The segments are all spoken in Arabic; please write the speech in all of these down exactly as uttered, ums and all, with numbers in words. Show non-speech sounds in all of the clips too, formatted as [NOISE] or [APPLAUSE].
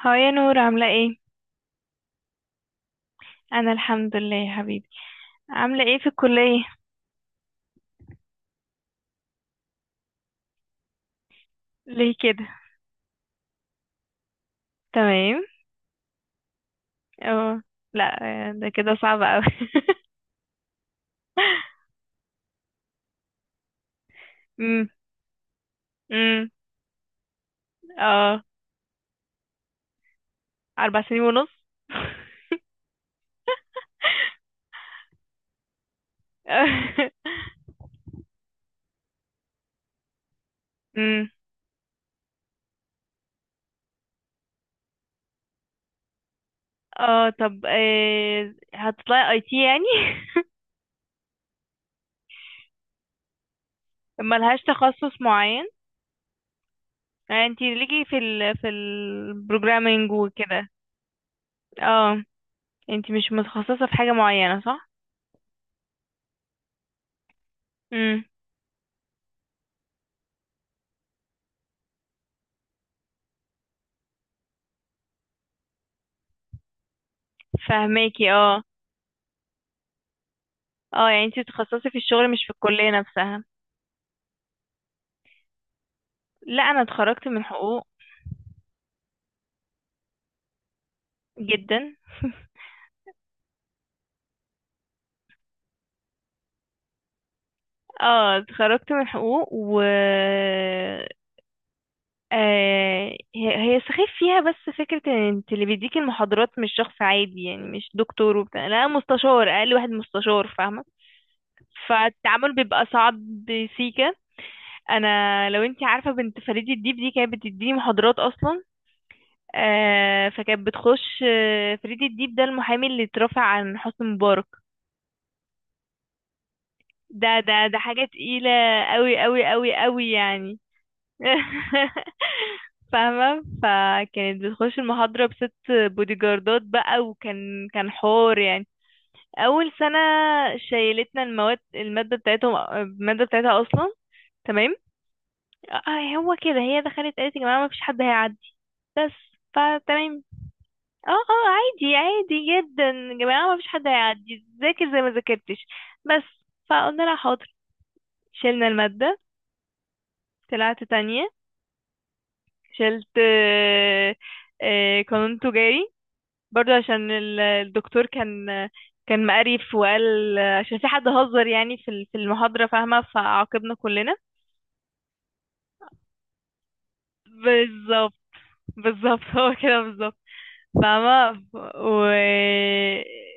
هاي يا نور، عاملة ايه؟ أنا الحمد لله يا حبيبي. عاملة ايه في الكلية؟ ليه كده؟ تمام. اه. لا. آه، ده كده صعب اوي. [LAUGHS] امم. امم. اه. أربع سنين ونص؟ [LAUGHS] امم. اه طب آه، هتطلعي اي تي يعني؟ [LAUGHS] ملهاش تخصص معين؟ يعني انتي ليكي في ال في البروجرامينج وكده. اه. انتي مش متخصصة في حاجة معينة صح؟ امم. فهماكي، اه. اه يعني انتي بتتخصصي في الشغل مش في الكلية نفسها. لا انا اتخرجت من حقوق. جدا. اه اتخرجت من حقوق و... آه هي. هي سخيف فيها، بس فكرة ان انت اللي بيديكي المحاضرات مش شخص عادي، يعني مش دكتور وبتاع، لا مستشار، اقل واحد مستشار، فاهمة؟ فالتعامل بيبقى صعب. سيكا. انا لو انت عارفة بنت فريد الديب دي كانت بتديني محاضرات اصلا. آه فكانت بتخش، آه، فريد الديب ده المحامي اللي اترفع عن حسني مبارك. ده ده ده حاجة تقيلة. قوي قوي قوي قوي يعني. [LAUGHS] فاهمة؟ فكانت بتخش المحاضرة بست بودي جاردات بقى، وكان كان حوار يعني. أول سنة شيلتنا المواد، المادة بتاعتهم، المادة بتاعتها أصلا. تمام. آه هو كده، هي دخلت قالت يا جماعة مفيش حد هيعدي، بس. فتمام. اه اه عادي، عادي جدا، يا جماعة مفيش حد هيعدي ذاكر زي ما ذاكرتش، بس. فقلنا لها حاضر. شيلنا المادة. طلعت تانية. شلت آه، آه، قانون تجاري، برضو عشان ال- الدكتور كان، كان مقرف وقال عشان في حد هزر يعني في ال- في المحاضرة، فاهمة؟ فعاقبنا كلنا. بالظبط. بالظبط [LAUGHS] هو كده بالظبط. فاهمة. و...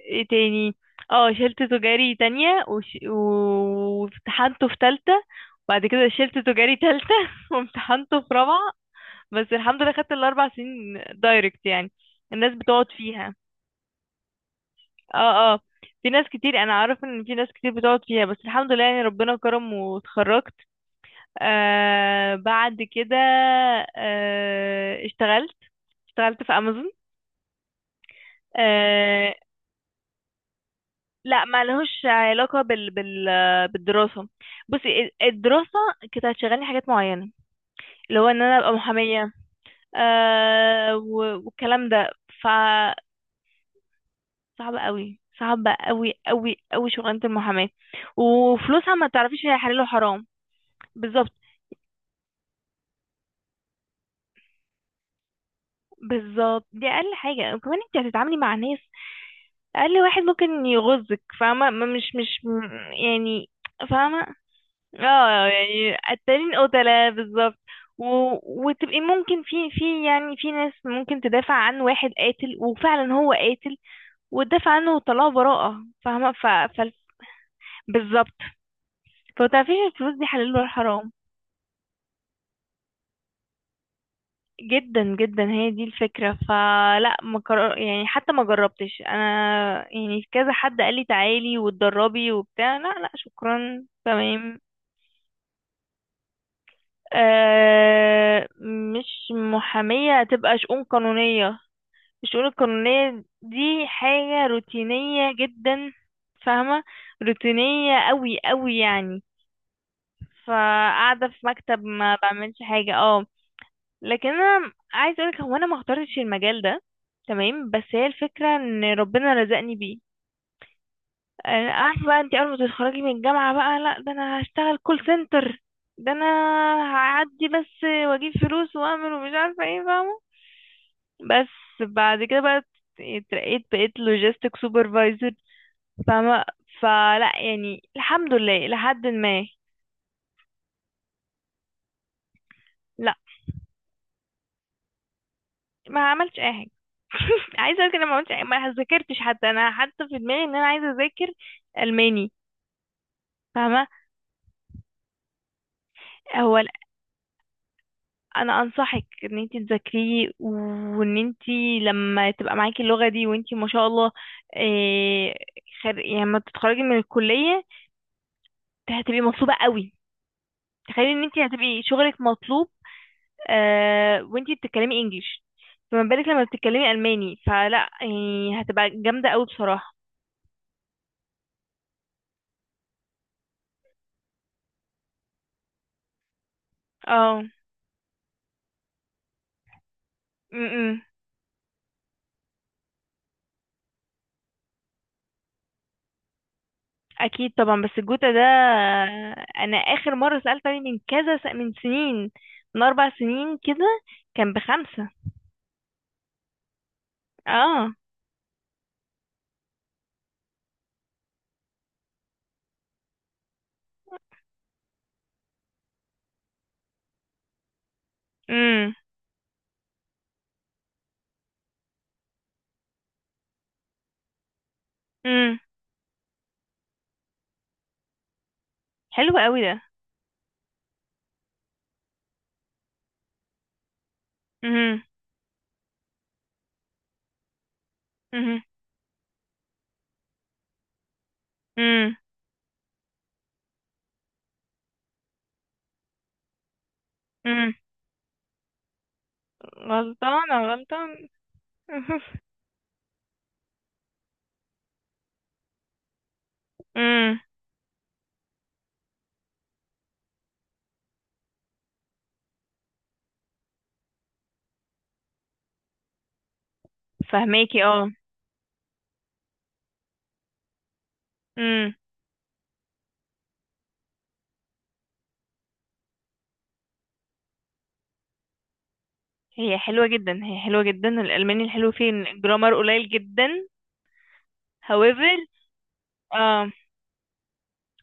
ايه تاني؟ اه شلت تجاري تانية وش... و- وامتحنته في تالتة، وبعد كده شلت تجاري تالتة [LAUGHS] وامتحنته في رابعة. بس الحمد لله خدت الاربع سنين دايركت يعني، الناس بتقعد فيها. اه اه في ناس كتير، انا عارف ان في ناس كتير بتقعد فيها، بس الحمد لله يعني، ربنا كرم واتخرجت. آه بعد كده، آه اشتغلت. اشتغلت في امازون. آه لا ما لهوش علاقة بال... بال... بالدراسة. بصي، الدراسة كانت هتشغلني حاجات معينة، اللي هو ان انا ابقى محامية، آه و- والكلام ده. صعبة قوي، صعبة قوي قوي قوي شغلانة المحاماة. وفلوسها ما تعرفيش هي حلال وحرام. بالظبط. بالظبط، دي اقل حاجة، وكمان انت هتتعاملي مع ناس اقل واحد ممكن يغزك، فاهمة؟ ما- مش مش م- يعني. فاهمة؟ اه يعني قتالين، قتلة، بالظبط. و... وتبقي ممكن في في يعني في ناس ممكن تدافع عن واحد قاتل، وفعلا هو قاتل، وتدافع عنه وطلعه براءة، فاهمة؟ ف... ف... بالظبط. فمتعرفيش الفلوس دي حلال ولا حرام. جدا جدا، هي دي الفكرة. فلا ما كر... يعني حتى ما جربتش انا، يعني كذا حد قال لي تعالي واتدربي وبتاع، لا لا شكرا، تمام. آه مش محامية، هتبقى شؤون قانونية. الشؤون القانونية دي حاجة روتينية جدا، فاهمة؟ روتينية قوي قوي يعني. فقاعدة في مكتب ما بعملش حاجة. اه لكن انا عايز اقولك، هو انا ما اخترتش المجال ده، تمام، بس هي الفكره ان ربنا رزقني بيه. انا عارفه بقى انت اول ما تتخرجي من الجامعه بقى لا، ده انا هشتغل كول سنتر، ده انا هعدي بس واجيب فلوس واعمل ومش عارفه ايه، فاهمه؟ بس. بعد كده بقى اترقيت، بقيت لوجيستيك سوبرفايزر، فاهمه؟ فلا يعني الحمد لله لحد ما... لا ما عملتش اي حاجه. [LAUGHS] عايزه اقول كده، ما عملتش أي- ما ذاكرتش حتى، انا حتى في دماغي ان انا عايزه اذاكر الماني، فاهمه؟ هو ال- انا انصحك ان انت تذاكريه وان انت، لما تبقى معاكي اللغه دي وانت ما شاء الله، إيه، خر... يعني لما تتخرجي من الكليه هتبقي مطلوبه قوي. تخيلي ان انت هتبقي شغلك مطلوب، آه وانت بتتكلمي انجليش، فما بالك لما بتتكلمي الماني؟ فلا يعني هتبقى جامده قوي بصراحه. اه. م- م. اكيد طبعا، بس الجوتا ده انا اخر مره سالت عليه من كذا س... من سنين، من اربع سنين كده، كان بخمسه. اه. امم. امم. حلو قوي ده. امم. امم. امم. امم. غلطانه، غلطانه. [LAUGHS] امم. فهماكي اه. امم. هي حلوه جدا، هي حلوه جدا الالماني. الحلو فيه ان الجرامر قليل جدا. However، آه.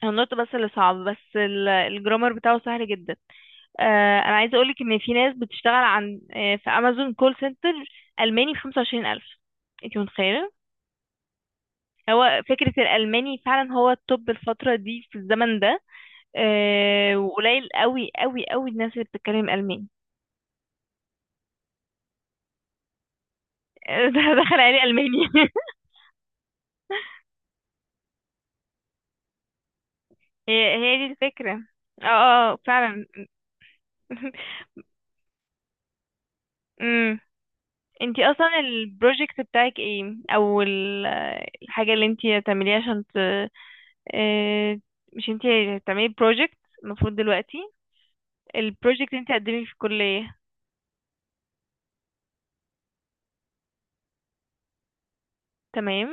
النطق بس اللي صعب، بس ال- الجرامر بتاعه سهل جدا. آه، انا عايزه اقولك ان في ناس بتشتغل عن آه، في امازون كول سنتر الماني ب خمسة وعشرين ألف، انت متخيله؟ هو فكره الالماني فعلا هو التوب الفتره دي في الزمن ده. آه، وقليل قوي قوي قوي الناس اللي بتتكلم الماني. [LAUGHS] آه، ده دخل عليه الماني. [LAUGHS] هي هي دي الفكره. اه. آه، فعلا. [LAUGHS] امم. انتي اصلا البروجكت بتاعك ايه، او ال- الحاجه اللي انتي هتعمليها عشان، آه، مش انتي هتعملي بروجكت المفروض دلوقتي، البروجكت انتي هتقدمي في الكلية؟ تمام.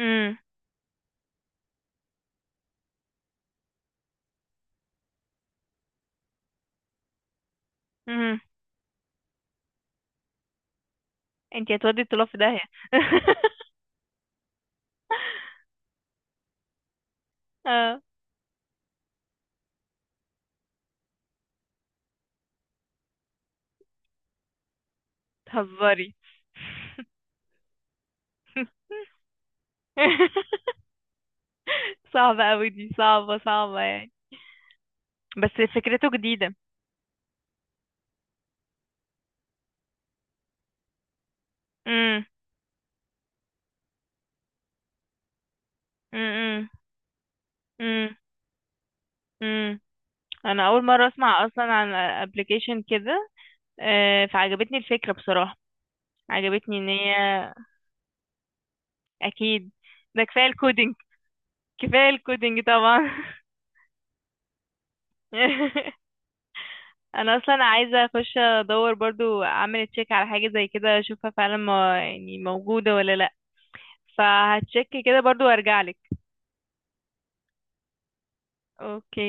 امم. امم. انتي هتودي الطلاب في داهية. [LAUGHS] اه تهزري. [LAUGHS] صعبة اوي دي، صعبة، صعبة يعني. بس فكرته جديدة. امم. امم. امم. امم. انا اول مرة اسمع اصلا عن ابلكيشن كده. آه، فعجبتني الفكرة بصراحة، عجبتني ان هي... اكيد، ده كفايه الكودينج، كفاية الكودينج طبعا. [LAUGHS] انا اصلا عايزة اخش ادور برضو، اعمل تشيك على حاجة زي كده، اشوفها فعلا ما يعني موجودة ولا لا. فهتشيك كده برضو وارجع لك. اوكي.